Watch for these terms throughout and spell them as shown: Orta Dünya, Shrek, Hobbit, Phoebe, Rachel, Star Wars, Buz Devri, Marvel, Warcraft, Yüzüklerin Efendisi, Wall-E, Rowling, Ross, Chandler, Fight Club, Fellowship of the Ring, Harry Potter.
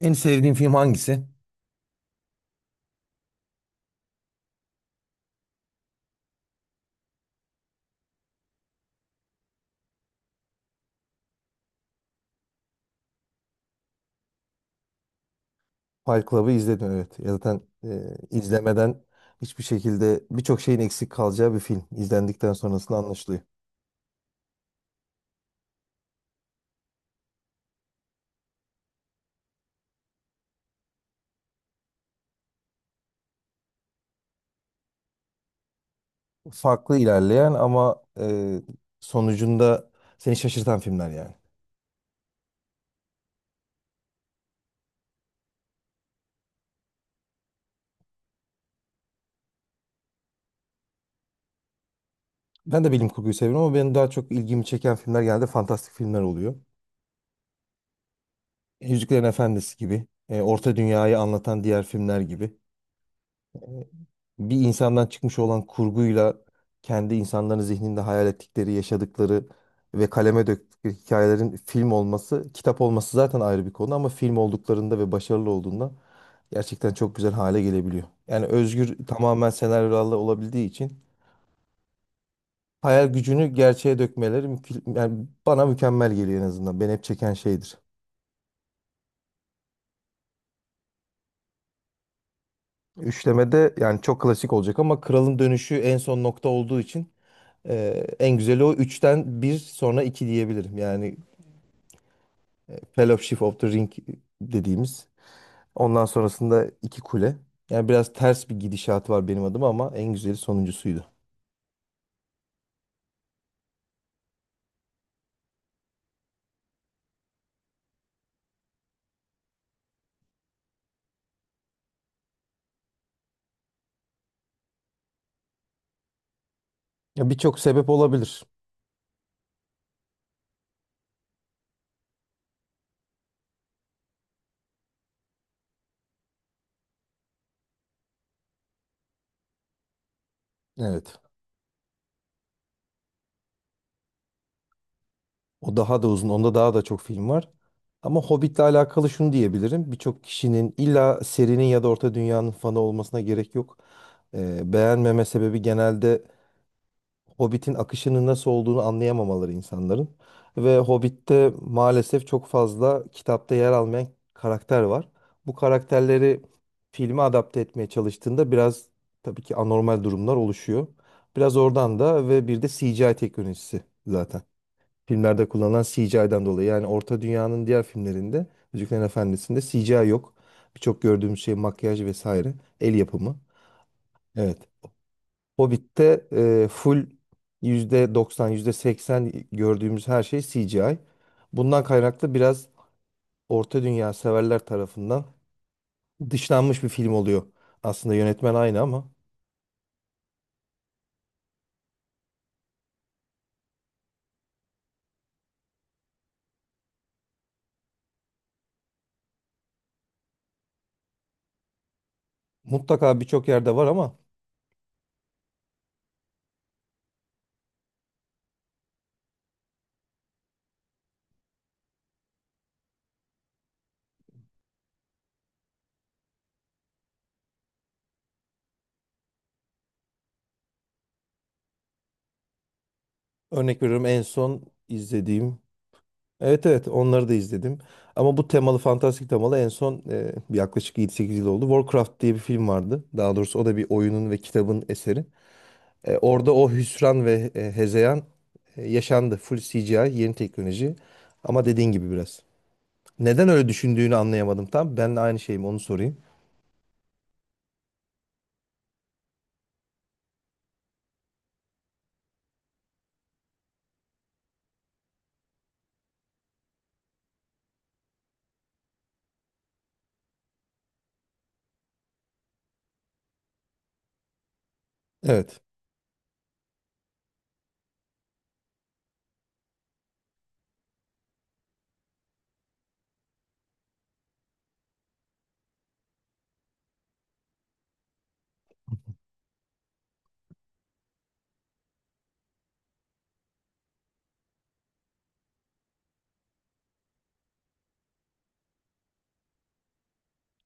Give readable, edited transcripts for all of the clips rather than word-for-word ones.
En sevdiğin film hangisi? Fight Club'ı izledim, evet. Ya zaten izlemeden hiçbir şekilde birçok şeyin eksik kalacağı bir film. İzlendikten sonrasında anlaşılıyor. Farklı ilerleyen ama sonucunda seni şaşırtan filmler yani. Ben de bilim kurguyu seviyorum ama benim daha çok ilgimi çeken filmler genelde fantastik filmler oluyor. Yüzüklerin Efendisi gibi, Orta Dünya'yı anlatan diğer filmler gibi. Bir insandan çıkmış olan kurguyla kendi insanların zihninde hayal ettikleri, yaşadıkları ve kaleme döktükleri hikayelerin film olması, kitap olması zaten ayrı bir konu ama film olduklarında ve başarılı olduğunda gerçekten çok güzel hale gelebiliyor. Yani özgür tamamen senaryolarla olabildiği için hayal gücünü gerçeğe dökmeleri yani bana mükemmel geliyor en azından. Beni hep çeken şeydir. Üçlemede yani çok klasik olacak ama Kralın Dönüşü en son nokta olduğu için en güzeli o, üçten bir sonra 2 diyebilirim. Yani Fellowship of the Ring dediğimiz. Ondan sonrasında iki kule. Yani biraz ters bir gidişatı var benim adıma ama en güzeli sonuncusuydu. Ya birçok sebep olabilir. Evet. O daha da uzun. Onda daha da çok film var. Ama Hobbit'le alakalı şunu diyebilirim. Birçok kişinin illa serinin ya da Orta Dünya'nın fanı olmasına gerek yok. Beğenmeme sebebi genelde Hobbit'in akışının nasıl olduğunu anlayamamaları insanların. Ve Hobbit'te maalesef çok fazla kitapta yer almayan karakter var. Bu karakterleri filme adapte etmeye çalıştığında biraz tabii ki anormal durumlar oluşuyor. Biraz oradan da, ve bir de CGI teknolojisi zaten. Filmlerde kullanılan CGI'den dolayı. Yani Orta Dünya'nın diğer filmlerinde, Yüzüklerin Efendisi'nde CGI yok. Birçok gördüğümüz şey makyaj vesaire. El yapımı. Evet. Hobbit'te full %90, %80 gördüğümüz her şey CGI. Bundan kaynaklı biraz Orta Dünya severler tarafından dışlanmış bir film oluyor. Aslında yönetmen aynı ama mutlaka birçok yerde var ama örnek veriyorum en son izlediğim. Evet, evet, onları da izledim. Ama bu temalı, fantastik temalı en son yaklaşık 7-8 yıl oldu. Warcraft diye bir film vardı. Daha doğrusu o da bir oyunun ve kitabın eseri. Orada o hüsran ve hezeyan yaşandı. Full CGI, yeni teknoloji. Ama dediğin gibi biraz. Neden öyle düşündüğünü anlayamadım tam. Ben de aynı şeyim, onu sorayım. Evet.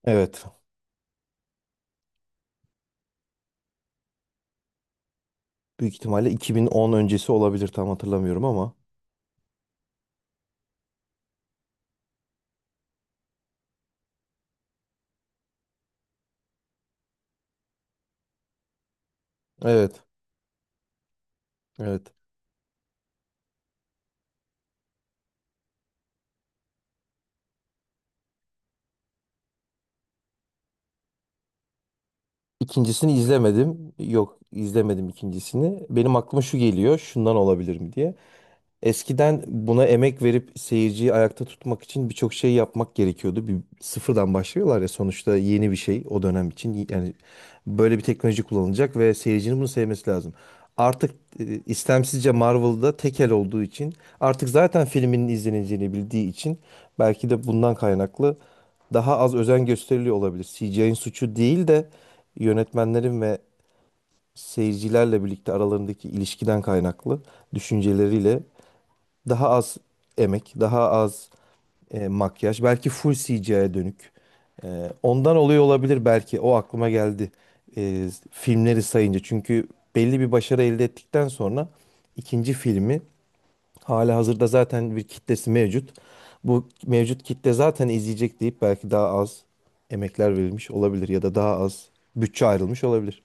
Evet. Büyük ihtimalle 2010 öncesi olabilir, tam hatırlamıyorum ama. Evet. Evet. İkincisini izlemedim. Yok, izlemedim ikincisini. Benim aklıma şu geliyor. Şundan olabilir mi diye. Eskiden buna emek verip seyirciyi ayakta tutmak için birçok şey yapmak gerekiyordu. Bir sıfırdan başlıyorlar ya sonuçta, yeni bir şey o dönem için. Yani böyle bir teknoloji kullanılacak ve seyircinin bunu sevmesi lazım. Artık istemsizce Marvel'da tekel olduğu için, artık zaten filminin izleneceğini bildiği için belki de bundan kaynaklı daha az özen gösteriliyor olabilir. CGI'nin suçu değil de yönetmenlerin ve seyircilerle birlikte aralarındaki ilişkiden kaynaklı düşünceleriyle daha az emek, daha az makyaj. Belki full CGI'ye dönük. Ondan oluyor olabilir belki. O aklıma geldi. Filmleri sayınca. Çünkü belli bir başarı elde ettikten sonra ikinci filmi, hala hazırda zaten bir kitlesi mevcut. Bu mevcut kitle zaten izleyecek deyip belki daha az emekler verilmiş olabilir ya da daha az bütçe ayrılmış olabilir.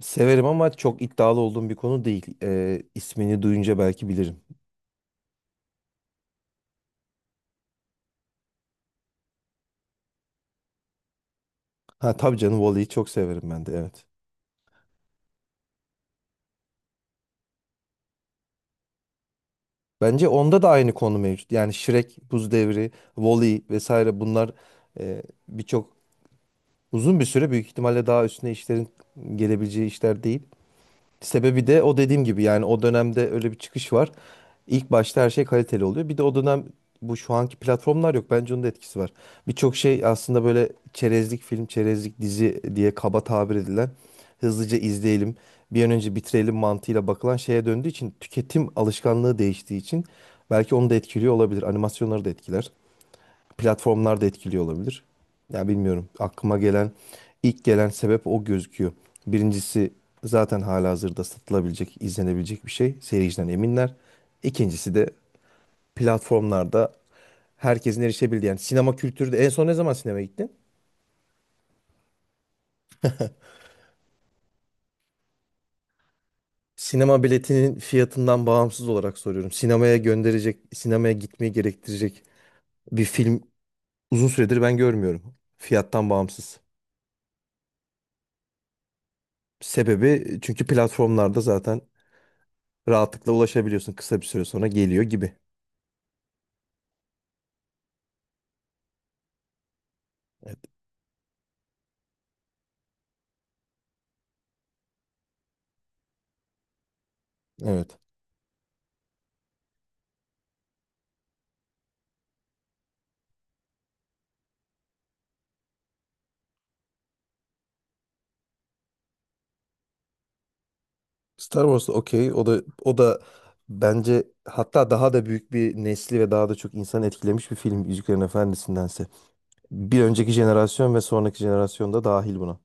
Severim ama çok iddialı olduğum bir konu değil. İsmini duyunca belki bilirim. Ha tabii canım, Wall-E'yi çok severim ben de, evet. Bence onda da aynı konu mevcut. Yani Shrek, Buz Devri, Wall-E vesaire bunlar birçok, uzun bir süre büyük ihtimalle daha üstüne işlerin gelebileceği işler değil. Sebebi de o dediğim gibi, yani o dönemde öyle bir çıkış var. İlk başta her şey kaliteli oluyor. Bir de o dönem bu şu anki platformlar yok. Bence onun da etkisi var. Birçok şey aslında böyle çerezlik film, çerezlik dizi diye kaba tabir edilen, hızlıca izleyelim, bir an önce bitirelim mantığıyla bakılan şeye döndüğü için, tüketim alışkanlığı değiştiği için belki onu da etkiliyor olabilir. Animasyonları da etkiler, platformlar da etkili olabilir. Ya bilmiyorum. Aklıma gelen ilk gelen sebep o gözüküyor. Birincisi, zaten halihazırda satılabilecek, izlenebilecek bir şey. Seyirciden eminler. İkincisi de platformlarda herkesin erişebildiği. Yani sinema kültürü de, en son ne zaman sinemaya gittin? Sinema biletinin fiyatından bağımsız olarak soruyorum. Sinemaya gönderecek, sinemaya gitmeyi gerektirecek bir film uzun süredir ben görmüyorum. Fiyattan bağımsız. Sebebi çünkü platformlarda zaten rahatlıkla ulaşabiliyorsun. Kısa bir süre sonra geliyor gibi. Evet. Evet. Star Wars da okey. O da, o da bence hatta daha da büyük bir nesli ve daha da çok insanı etkilemiş bir film Yüzüklerin Efendisi'ndense. Bir önceki jenerasyon ve sonraki jenerasyon da dahil buna.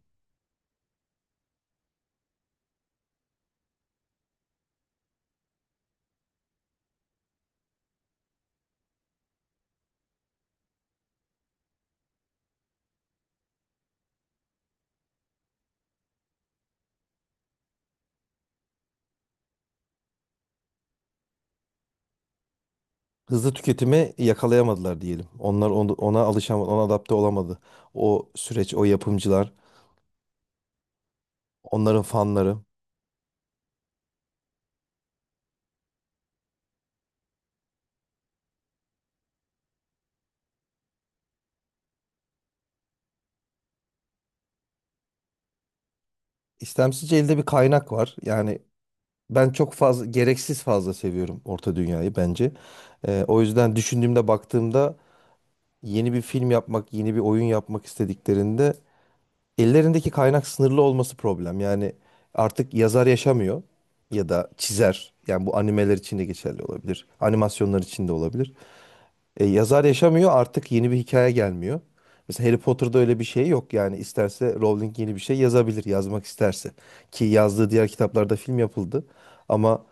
Hızlı tüketimi yakalayamadılar diyelim. Onlar ona alışamadı, ona adapte olamadı. O süreç, o yapımcılar, onların fanları. İstemsizce elde bir kaynak var. Yani ben çok fazla, gereksiz fazla seviyorum Orta Dünya'yı bence. O yüzden düşündüğümde, baktığımda yeni bir film yapmak, yeni bir oyun yapmak istediklerinde ellerindeki kaynak sınırlı olması problem. Yani artık yazar yaşamıyor ya da çizer. Yani bu animeler için de geçerli olabilir. Animasyonlar için de olabilir. Yazar yaşamıyor, artık yeni bir hikaye gelmiyor. Mesela Harry Potter'da öyle bir şey yok. Yani isterse Rowling yeni bir şey yazabilir, yazmak isterse. Ki yazdığı diğer kitaplarda film yapıldı. Ama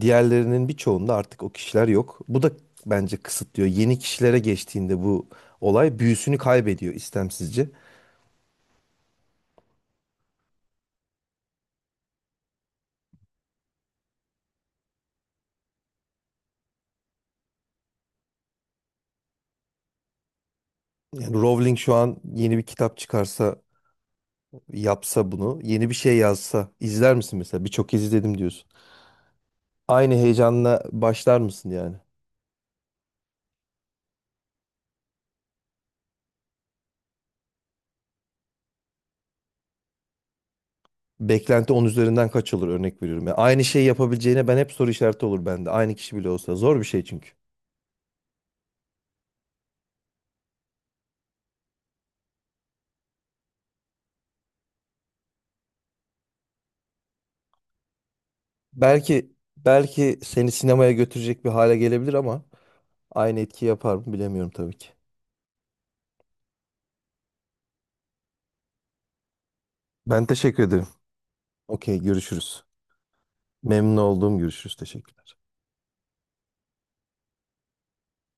diğerlerinin birçoğunda artık o kişiler yok. Bu da bence kısıtlıyor. Yeni kişilere geçtiğinde bu olay büyüsünü kaybediyor istemsizce. Yani Rowling şu an yeni bir kitap çıkarsa, yapsa bunu, yeni bir şey yazsa izler misin mesela? Birçok kez izledim diyorsun. Aynı heyecanla başlar mısın yani? Beklenti 10 üzerinden kaç olur, örnek veriyorum. Yani aynı şeyi yapabileceğine ben, hep soru işareti olur bende. Aynı kişi bile olsa zor bir şey çünkü. Belki, belki seni sinemaya götürecek bir hale gelebilir ama aynı etki yapar mı bilemiyorum tabii ki. Ben teşekkür ederim. Okey, görüşürüz. Memnun olduğum, görüşürüz. Teşekkürler.